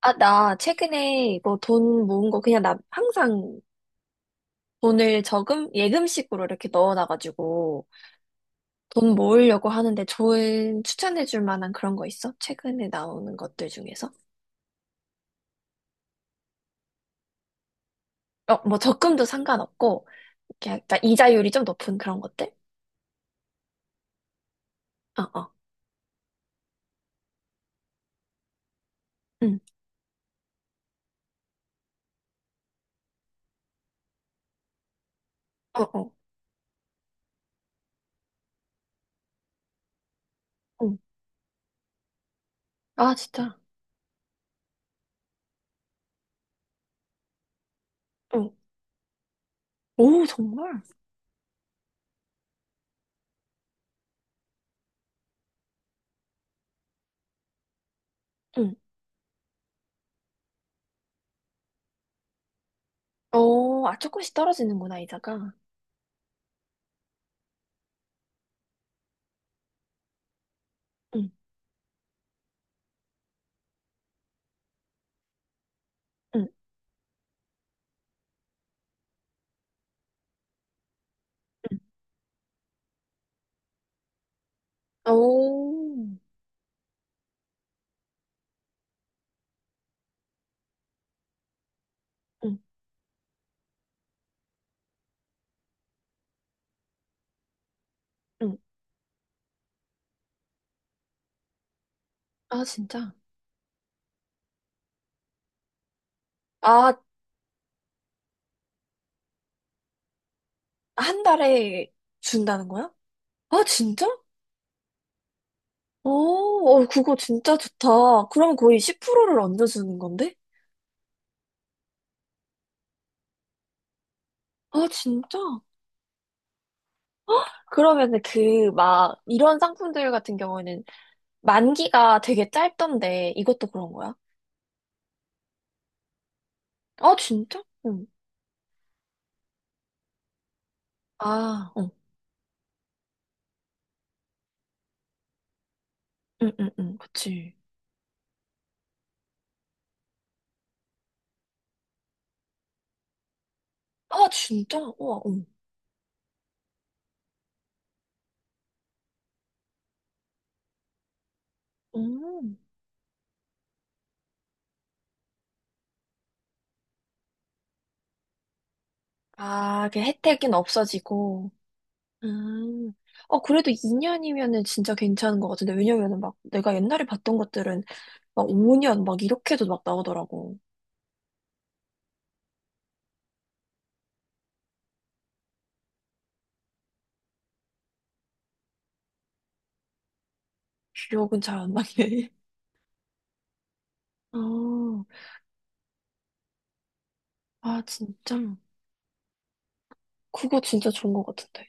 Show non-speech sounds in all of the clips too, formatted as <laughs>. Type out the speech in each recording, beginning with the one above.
아, 나 최근에 뭐 돈 모은 거 그냥 나 항상 돈을 저금, 예금식으로 이렇게 넣어놔가지고 돈 모으려고 하는데 좋은 추천해줄 만한 그런 거 있어? 최근에 나오는 것들 중에서? 어, 뭐 적금도 상관없고, 이렇게 약간 이자율이 좀 높은 그런 것들? 어, 어, 응, 어, 어, 응. 아, 진짜? 응. 오, 정말? 응. 어, 아, 조금씩 떨어지는구나, 이자가. 응, 응, 응. 오, 응, 응. 아, 진짜? 아, 한 달에 준다는 거야? 아, 진짜? 어, 어, 그거 진짜 좋다. 그러면 거의 10%를 얹어주는 건데? 아, 진짜? 그러면은 그, 막, 이런 상품들 같은 경우에는 만기가 되게 짧던데, 이것도 그런 거야? 아, 진짜? 응. 아, 응. 응, 응, 응. 그치. 아, 진짜? 우와, 응. 음. 아, 그 혜택은 없어지고. 아, 어, 그래도 2년이면은 진짜 괜찮은 것 같은데, 왜냐면은 막 내가 옛날에 봤던 것들은 막 5년 막 이렇게도 막 나오더라고. 기억은 잘 안 나게. <laughs> 아, 아, 진짜. 그거 진짜 좋은 것 같은데.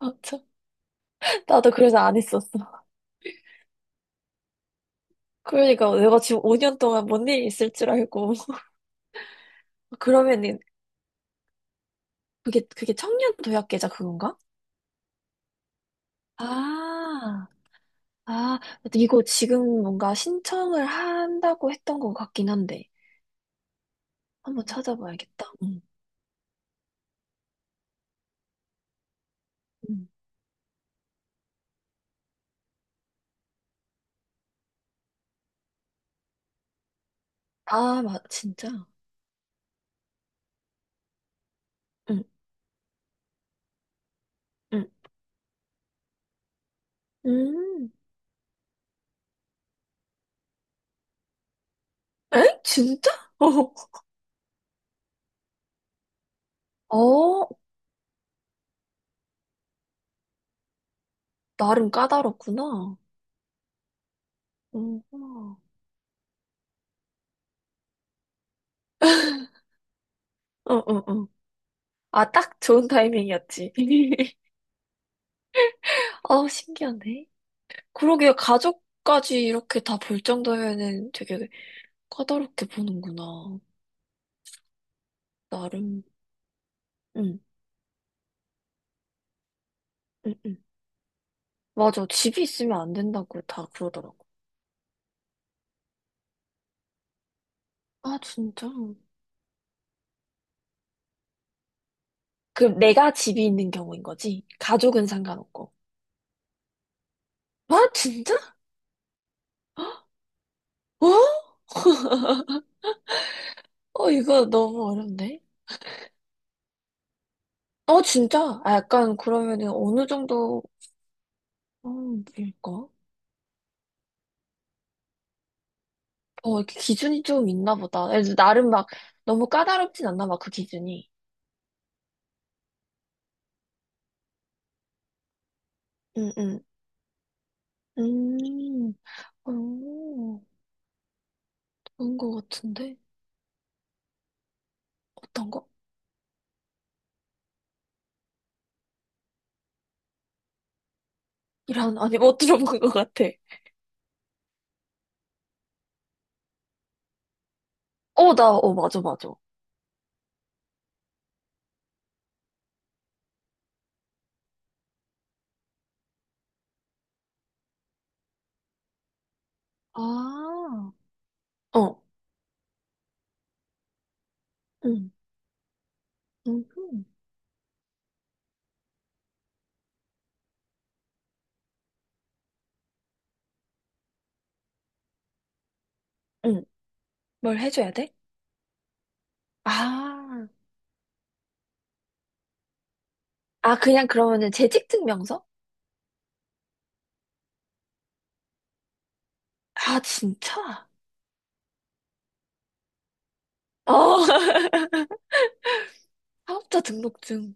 아, 참. 나도 그래서 안 했었어. 그러니까 내가 지금 5년 동안 뭔 일이 있을 줄 알고. <laughs> 그러면은 그게 청년 도약계좌 그건가? 아, 아, 이거 지금 뭔가 신청을 한다고 했던 것 같긴 한데. 한번 찾아봐야겠다. 응. 응. 아, 맞, 진짜? 응. 응. 음. 에? 진짜? <laughs> 어. 어, 나름 까다롭구나. 응. 어, 어, 어, 어. 아, 딱 좋은 타이밍이었지. <laughs> 아, 신기하네. 그러게요. 가족까지 이렇게 다 볼 정도면은 되게 까다롭게 보는구나. 나름. 응. 응. 응. 맞아. 집이 있으면 안 된다고 다 그러더라고. 아, 진짜? 그럼 내가 집이 있는 경우인 거지? 가족은 상관없고. 아, 진짜? 어? 어, 이거 너무 어렵네. 어, 진짜? 아, 약간 그러면은 어느 정도, 일까? 어, 이렇게 기준이 좀 있나 보다. 그래서 나름 막 너무 까다롭진 않나 봐, 그 기준이. 응, 응. 음, 어, 그런 거 같은데? 어떤 거? 이런, 아니, 못 들어본 것 같아. 어, 나, 어, 맞아, 맞아. 아, 어, 응, 응 응. 뭘 해줘야 돼? 아, 아, 그냥 그러면은 재직 증명서? 아, 진짜? 어, <laughs> 사업자 등록증.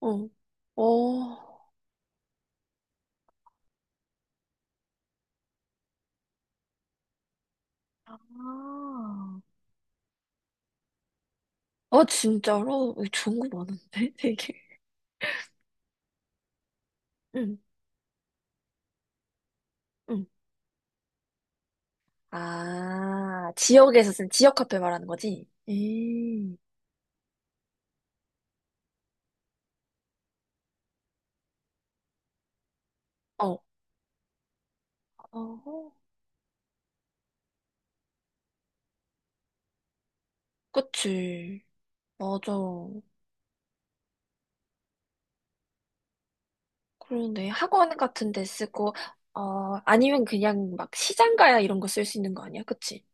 어. 어. 아, 아, 진짜로? 어, 좋은 거 많은데, <laughs> 되게. 응, 응. 아, 지역에서 쓴 지역 화폐 말하는 거지? 음. 어, 어, 그치. 맞아. 그러네. 학원 같은 데 쓰고, 어, 아니면 그냥 막 시장 가야 이런 거 쓸 수 있는 거 아니야? 그치?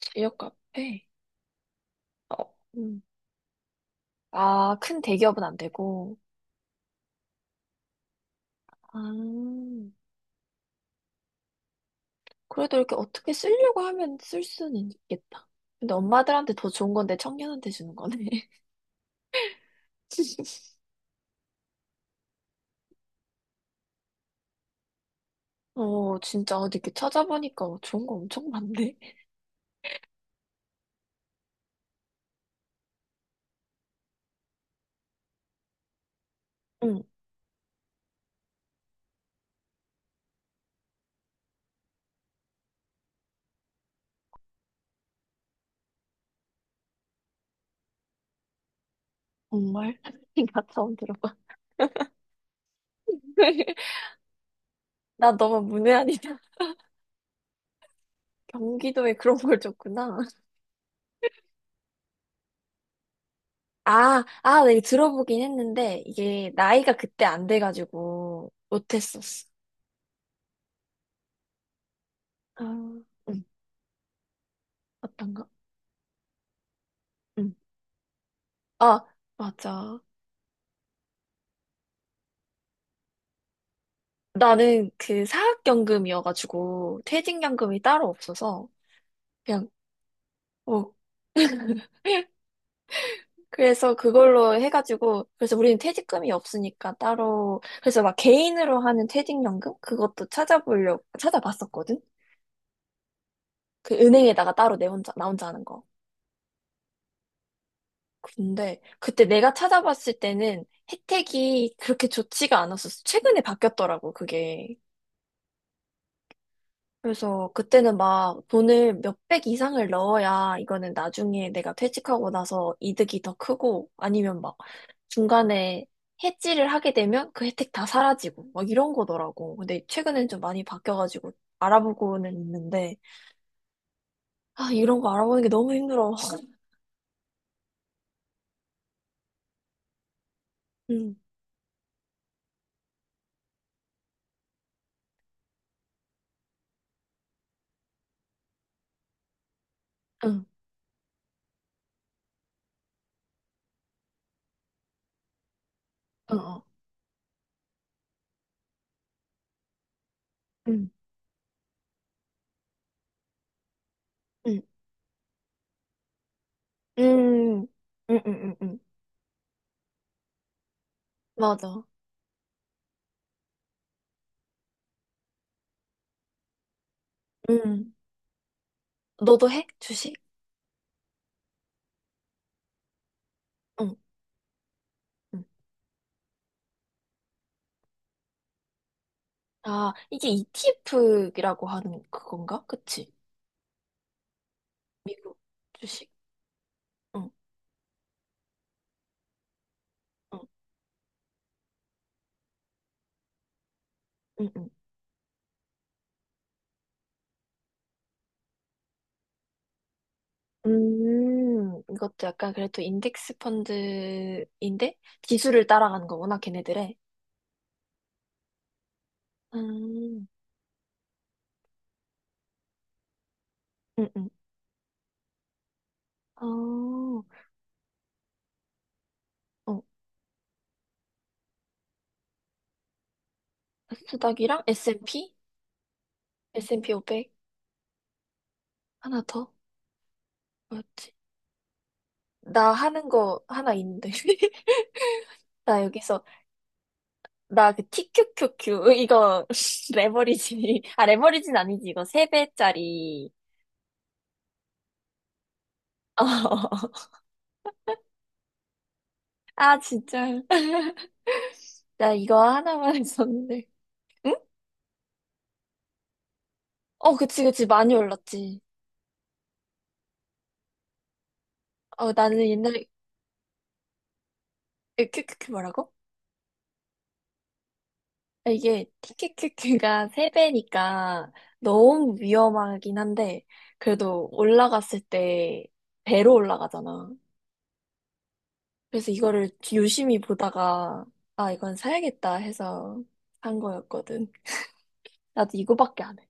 지역 카페? 어, 아, 큰 대기업은 안 되고. 아. 그래도 이렇게 어떻게 쓰려고 하면 쓸 수는 있겠다. 근데 엄마들한테 더 좋은 건데 청년한테 주는 거네. <laughs> 어, 진짜 어디 이렇게 찾아보니까 좋은 거 엄청 많네. 응, 정말. <laughs> 나 처음 들어봐. <laughs> 나 너무 문외한이다. 경기도에 그런 걸 줬구나. 아, 아, 내가 들어보긴 했는데 이게 나이가 그때 안 돼가지고 못했었어. 아, 응, 어떤가? 응. 아, 맞아. 나는 그 사학연금이어가지고 퇴직연금이 따로 없어서 그냥 어 <laughs> 그래서 그걸로 해가지고 그래서 우리는 퇴직금이 없으니까 따로 그래서 막 개인으로 하는 퇴직연금 그것도 찾아보려고 찾아봤었거든 그 은행에다가 따로 내 혼자 나 혼자 하는 거 근데 그때 내가 찾아봤을 때는 혜택이 그렇게 좋지가 않았었어. 최근에 바뀌었더라고 그게. 그래서 그때는 막 돈을 몇백 이상을 넣어야 이거는 나중에 내가 퇴직하고 나서 이득이 더 크고 아니면 막 중간에 해지를 하게 되면 그 혜택 다 사라지고 막 이런 거더라고. 근데 최근엔 좀 많이 바뀌어가지고 알아보고는 있는데 아 이런 거 알아보는 게 너무 힘들어. <laughs> 응, 응, 응, 어, 응, 응, 응, 응, 응, 응, 응. 맞아. 응. 너도 해? 주식? 응, 응. 아 이게 ETF라고 하는 그건가? 그치? 미국 주식. 응, 응, 응, 응. 이것도 약간 그래도 인덱스 펀드인데 지수를 따라가는 거구나, 걔네들의. 음, 응, 응. 어, 어. 나스닥이랑 S&P? S&P 500? 하나 더? 뭐였지? 나 하는 거 하나 있는데. <laughs> 나 여기서, 나 그 TQQQ, 이거, <laughs> 레버리지. 아, 레버리지는 아니지. 이거 세배짜리 <laughs> 어. 아, 진짜. <laughs> 나 이거 하나만 했었는데. 응? 어, 그치, 그치. 많이 올랐지. 어, 나는 옛날에, 에, 큐큐큐 뭐라고? 아, 이게 TQQQ가 세배니까 너무 위험하긴 한데, 그래도 올라갔을 때 배로 올라가잖아. 그래서 이거를 유심히 보다가, 아, 이건 사야겠다 해서 산 거였거든. 나도 이거밖에 안 해.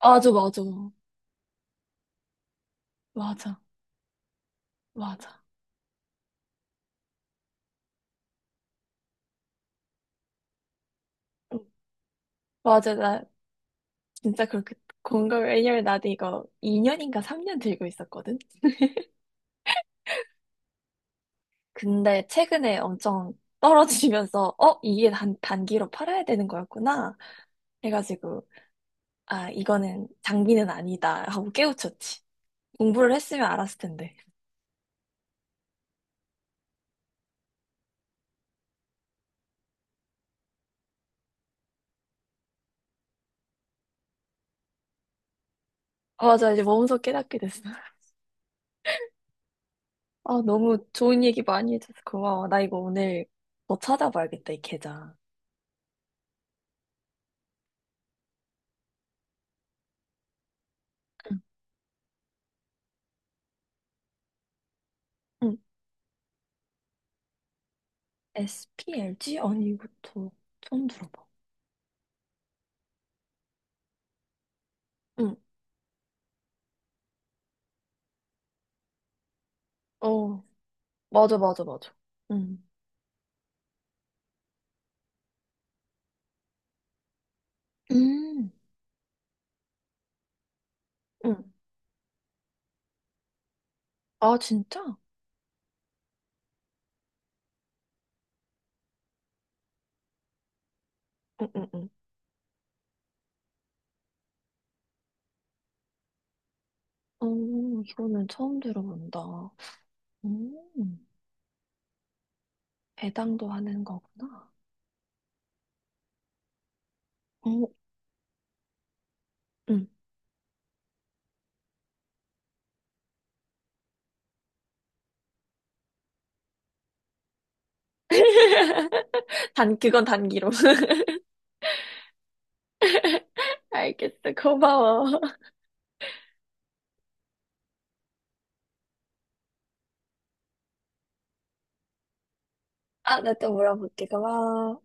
맞아, 맞아. 맞아, 맞아. 응. 맞아, 나 진짜 그렇게 공감, 왜냐면 나도 이거 2년인가 3년 들고 있었거든. 근데 최근에 엄청 떨어지면서, <laughs> 어, 이게 단기로 팔아야 되는 거였구나. 해가지고, 아, 이거는 장비는 아니다. 하고 깨우쳤지. 공부를 했으면 알았을 텐데. 아, 맞아. 이제 몸소 깨닫게 됐어. 아, 너무 좋은 얘기 많이 해줘서 고마워. 나 이거 오늘 더 찾아봐야겠다, 이 계좌. 응. 응. SPLG? 아니, 이것도 처음 들어봐. 응. 어, 맞아, 맞아, 맞아. 응. 음. 응. 아, 진짜? 응, 응, 응. 어 이거는 처음 들어본다. 음, 배당도 하는 거구나. 어, 응. <laughs> 단, 그건 단기로. <laughs> 알겠어. 고마워. 아, 나 또 물어볼게. 고마워.